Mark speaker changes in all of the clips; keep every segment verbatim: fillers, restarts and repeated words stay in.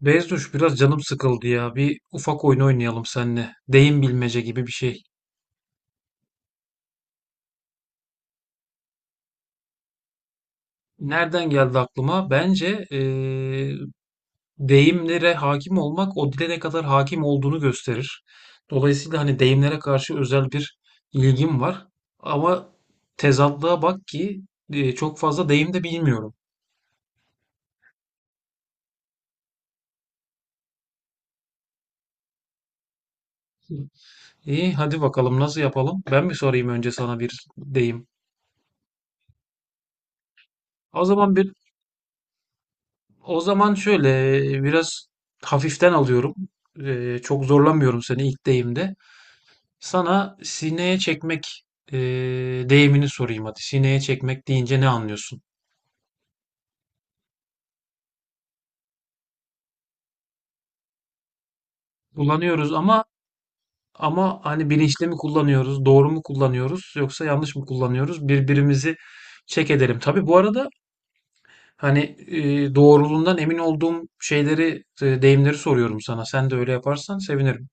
Speaker 1: Bezduş biraz canım sıkıldı ya. Bir ufak oyun oynayalım seninle. Deyim bilmece gibi bir şey. Nereden geldi aklıma? Bence eee, deyimlere hakim olmak o dile ne kadar hakim olduğunu gösterir. Dolayısıyla hani deyimlere karşı özel bir ilgim var. Ama tezatlığa bak ki eee, çok fazla deyim de bilmiyorum. İyi hadi bakalım nasıl yapalım? Ben mi sorayım önce sana bir deyim? O zaman bir O zaman şöyle e, biraz hafiften alıyorum. E, çok zorlamıyorum seni ilk deyimde. Sana sineye çekmek e, deyimini sorayım hadi. Sineye çekmek deyince ne anlıyorsun? Kullanıyoruz ama ama hani bilinçli mi kullanıyoruz, doğru mu kullanıyoruz yoksa yanlış mı kullanıyoruz? Birbirimizi çek edelim. Tabii bu arada hani e, doğruluğundan emin olduğum şeyleri, e, deyimleri soruyorum sana. Sen de öyle yaparsan sevinirim.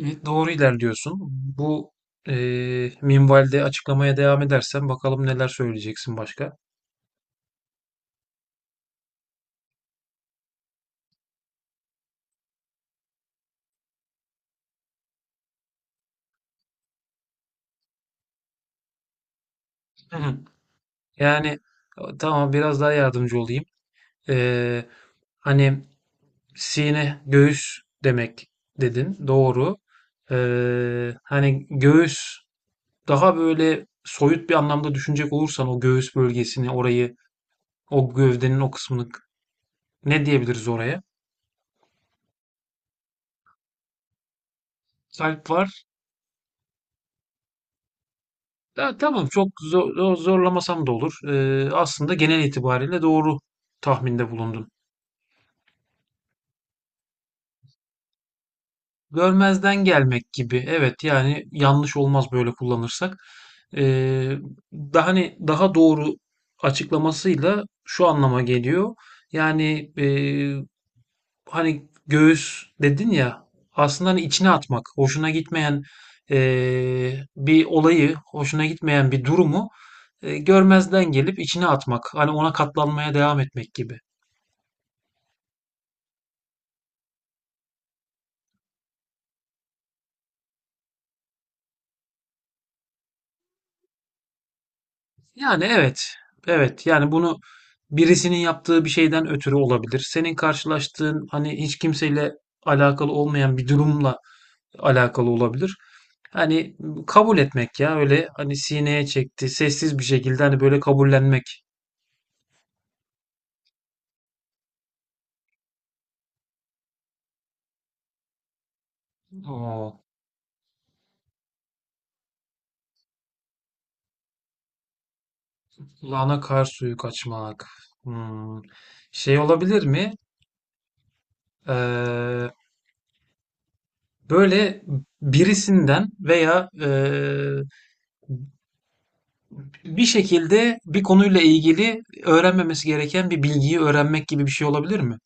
Speaker 1: Evet, doğru ilerliyorsun. Bu eee minvalde açıklamaya devam edersen bakalım neler söyleyeceksin başka. Hı hı. Yani e, tamam biraz daha yardımcı olayım. Eee, hani sine göğüs demek dedin. Doğru. Eee, hani göğüs daha böyle soyut bir anlamda düşünecek olursan o göğüs bölgesini orayı o gövdenin o kısmını ne diyebiliriz oraya? Kalp var. Ya, tamam çok zor- zor- zorlamasam da olur. Ee, aslında genel itibariyle doğru tahminde bulundun. Görmezden gelmek gibi. Evet yani yanlış olmaz böyle kullanırsak. Ee, daha hani daha doğru açıklamasıyla şu anlama geliyor. Yani e, hani göğüs dedin ya aslında hani içine atmak, hoşuna gitmeyen eee, bir olayı, hoşuna gitmeyen bir durumu e, görmezden gelip içine atmak. Hani ona katlanmaya devam etmek gibi. Yani evet, evet. Yani bunu birisinin yaptığı bir şeyden ötürü olabilir. Senin karşılaştığın hani hiç kimseyle alakalı olmayan bir durumla alakalı olabilir. Hani kabul etmek ya öyle hani sineye çekti sessiz bir şekilde hani böyle kabullenmek. Oo, lana kar suyu kaçmak. Hmm. Şey olabilir mi? Ee, böyle birisinden veya ee, bir şekilde bir konuyla ilgili öğrenmemesi gereken bir bilgiyi öğrenmek gibi bir şey olabilir mi?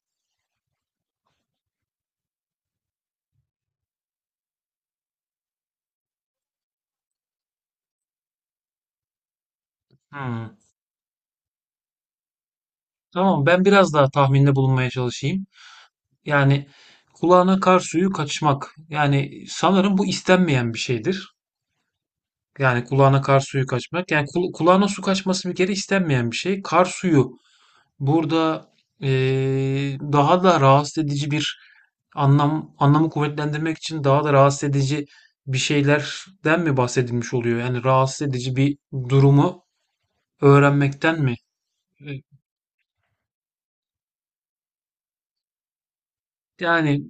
Speaker 1: Hmm. Tamam, ben biraz daha tahminde bulunmaya çalışayım. Yani kulağına kar suyu kaçmak. Yani sanırım bu istenmeyen bir şeydir. Yani kulağına kar suyu kaçmak. Yani kul- kulağına su kaçması bir kere istenmeyen bir şey. Kar suyu. Burada, eee, daha da rahatsız edici bir anlam anlamı kuvvetlendirmek için daha da rahatsız edici bir şeylerden mi bahsedilmiş oluyor? Yani rahatsız edici bir durumu öğrenmekten mi? Eee, yani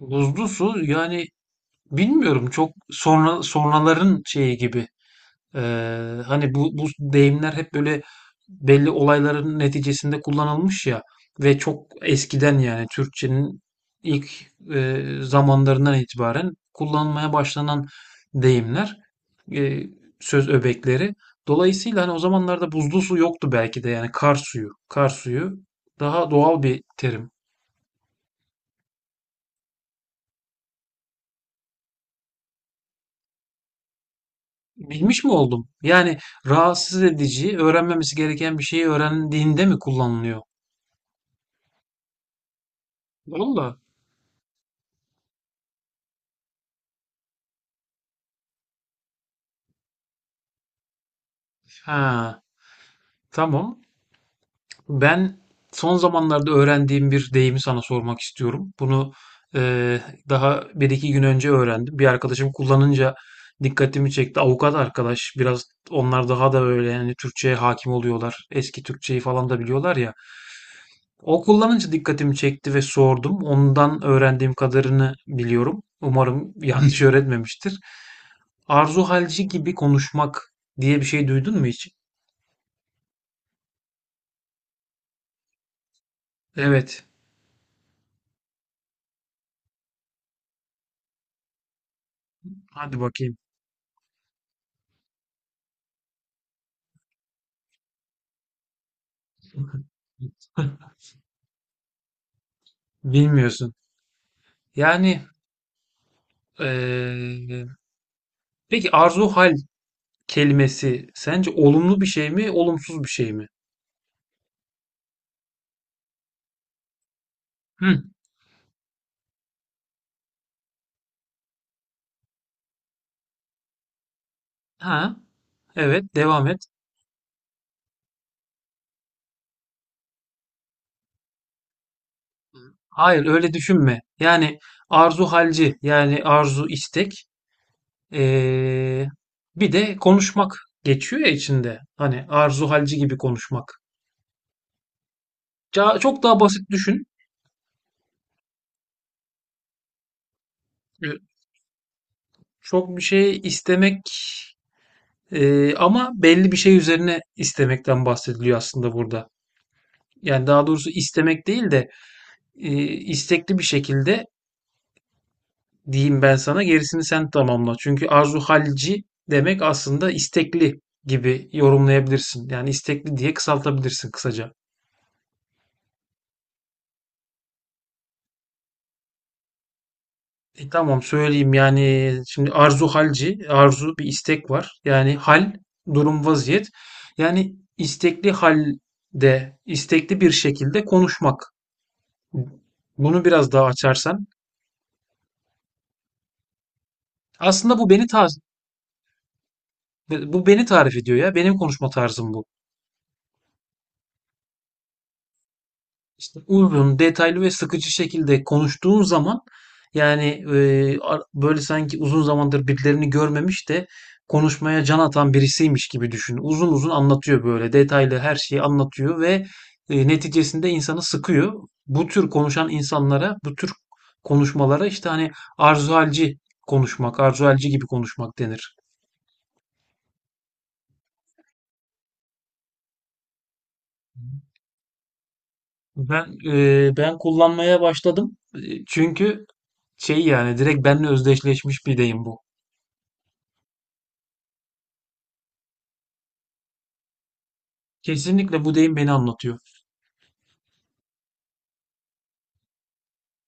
Speaker 1: buzlu su yani bilmiyorum çok sonra sonraların şeyi gibi. Ee, hani bu, bu deyimler hep böyle belli olayların neticesinde kullanılmış ya ve çok eskiden yani Türkçenin ilk e, zamanlarından itibaren kullanılmaya başlanan deyimler, e, söz öbekleri. Dolayısıyla hani o zamanlarda buzlu su yoktu belki de yani kar suyu, kar suyu daha doğal bir terim. Bilmiş mi oldum? Yani rahatsız edici, öğrenmemesi gereken bir şeyi öğrendiğinde mi kullanılıyor? Valla. Ha. Tamam. Ben son zamanlarda öğrendiğim bir deyimi sana sormak istiyorum. Bunu eee, daha bir iki gün önce öğrendim. Bir arkadaşım kullanınca dikkatimi çekti. Avukat arkadaş. Biraz onlar daha da böyle yani Türkçe'ye hakim oluyorlar. Eski Türkçeyi falan da biliyorlar ya. O kullanınca dikkatimi çekti ve sordum. Ondan öğrendiğim kadarını biliyorum. Umarım yanlış öğretmemiştir. Arzu halci gibi konuşmak diye bir şey duydun mu hiç? Evet. Hadi bakayım. Bilmiyorsun. Yani eee, peki arzu hal kelimesi sence olumlu bir şey mi, olumsuz bir şey mi? Hı, ha, evet devam et. Hayır öyle düşünme. Yani arzu halci yani arzu istek, eee, bir de konuşmak geçiyor ya içinde. Hani arzu halci gibi konuşmak. Ca- Çok daha basit düşün. Ee, Çok bir şey istemek, eee, ama belli bir şey üzerine istemekten bahsediliyor aslında burada. Yani daha doğrusu istemek değil de e, istekli bir şekilde diyeyim ben, sana gerisini sen tamamla. Çünkü arzu halci demek aslında istekli gibi yorumlayabilirsin. Yani istekli diye kısaltabilirsin kısaca. E, tamam söyleyeyim yani şimdi arzu halci, arzu bir istek var. Yani hal, durum, vaziyet. Yani istekli halde, istekli bir şekilde konuşmak. Bunu biraz daha açarsan. Aslında bu beni tarif Bu beni tarif ediyor ya. Benim konuşma tarzım bu. İşte uzun, detaylı ve sıkıcı şekilde konuştuğun zaman yani e, ar- böyle sanki uzun zamandır birilerini görmemiş de konuşmaya can atan birisiymiş gibi düşün. Uzun uzun anlatıyor, böyle detaylı her şeyi anlatıyor ve e, neticesinde insanı sıkıyor. Bu tür konuşan insanlara, bu tür konuşmalara işte hani arzuhalci konuşmak, arzuhalci gibi konuşmak denir. Ben e, ben kullanmaya başladım. E, çünkü şey, yani direkt benimle özdeşleşmiş bir deyim bu. Kesinlikle bu deyim beni anlatıyor.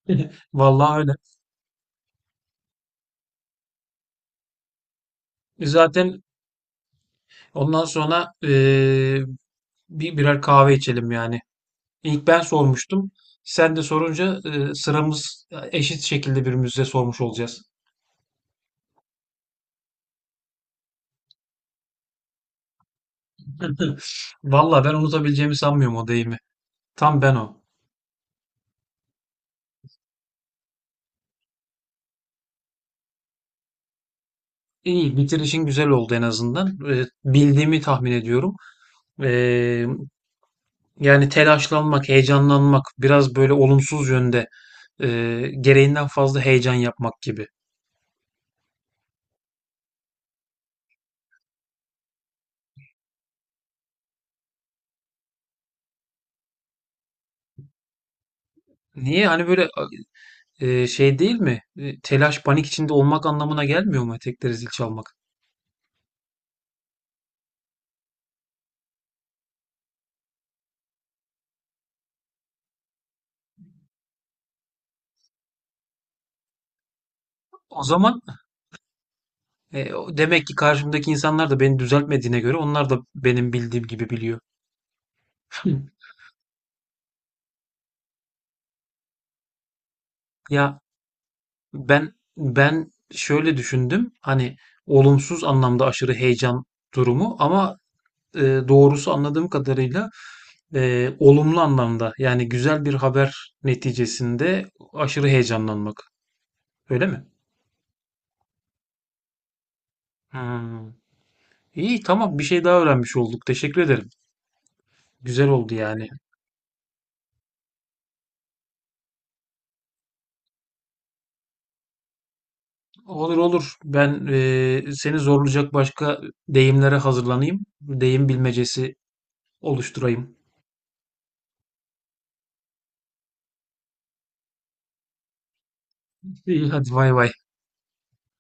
Speaker 1: Vallahi öyle. E, zaten ondan sonra eee, bir birer kahve içelim yani. İlk ben sormuştum. Sen de sorunca eee, sıramız eşit şekilde birbirimize sormuş olacağız. Vallahi ben unutabileceğimi sanmıyorum o deyimi. Tam ben o. İyi, bitirişin güzel oldu en azından. Eee, bildiğimi tahmin ediyorum. Eee Yani telaşlanmak, heyecanlanmak, biraz böyle olumsuz yönde e, gereğinden fazla heyecan yapmak gibi. Niye? Hani böyle e, şey değil mi? E, telaş, panik içinde olmak anlamına gelmiyor mu etekleri zil çalmak? O zaman e, o- demek ki karşımdaki insanlar da beni düzeltmediğine göre onlar da benim bildiğim gibi biliyor. Hı. Ya ben ben şöyle düşündüm. Hani olumsuz anlamda aşırı heyecan durumu, ama e, doğrusu anladığım kadarıyla e, olumlu anlamda, yani güzel bir haber neticesinde aşırı heyecanlanmak. Öyle mi? Hmm. İyi, tamam, bir şey daha öğrenmiş olduk. Teşekkür ederim. Güzel oldu yani. Olur olur. Ben e, seni zorlayacak başka deyimlere hazırlanayım. Deyim bilmecesi oluşturayım. İyi hadi vay vay.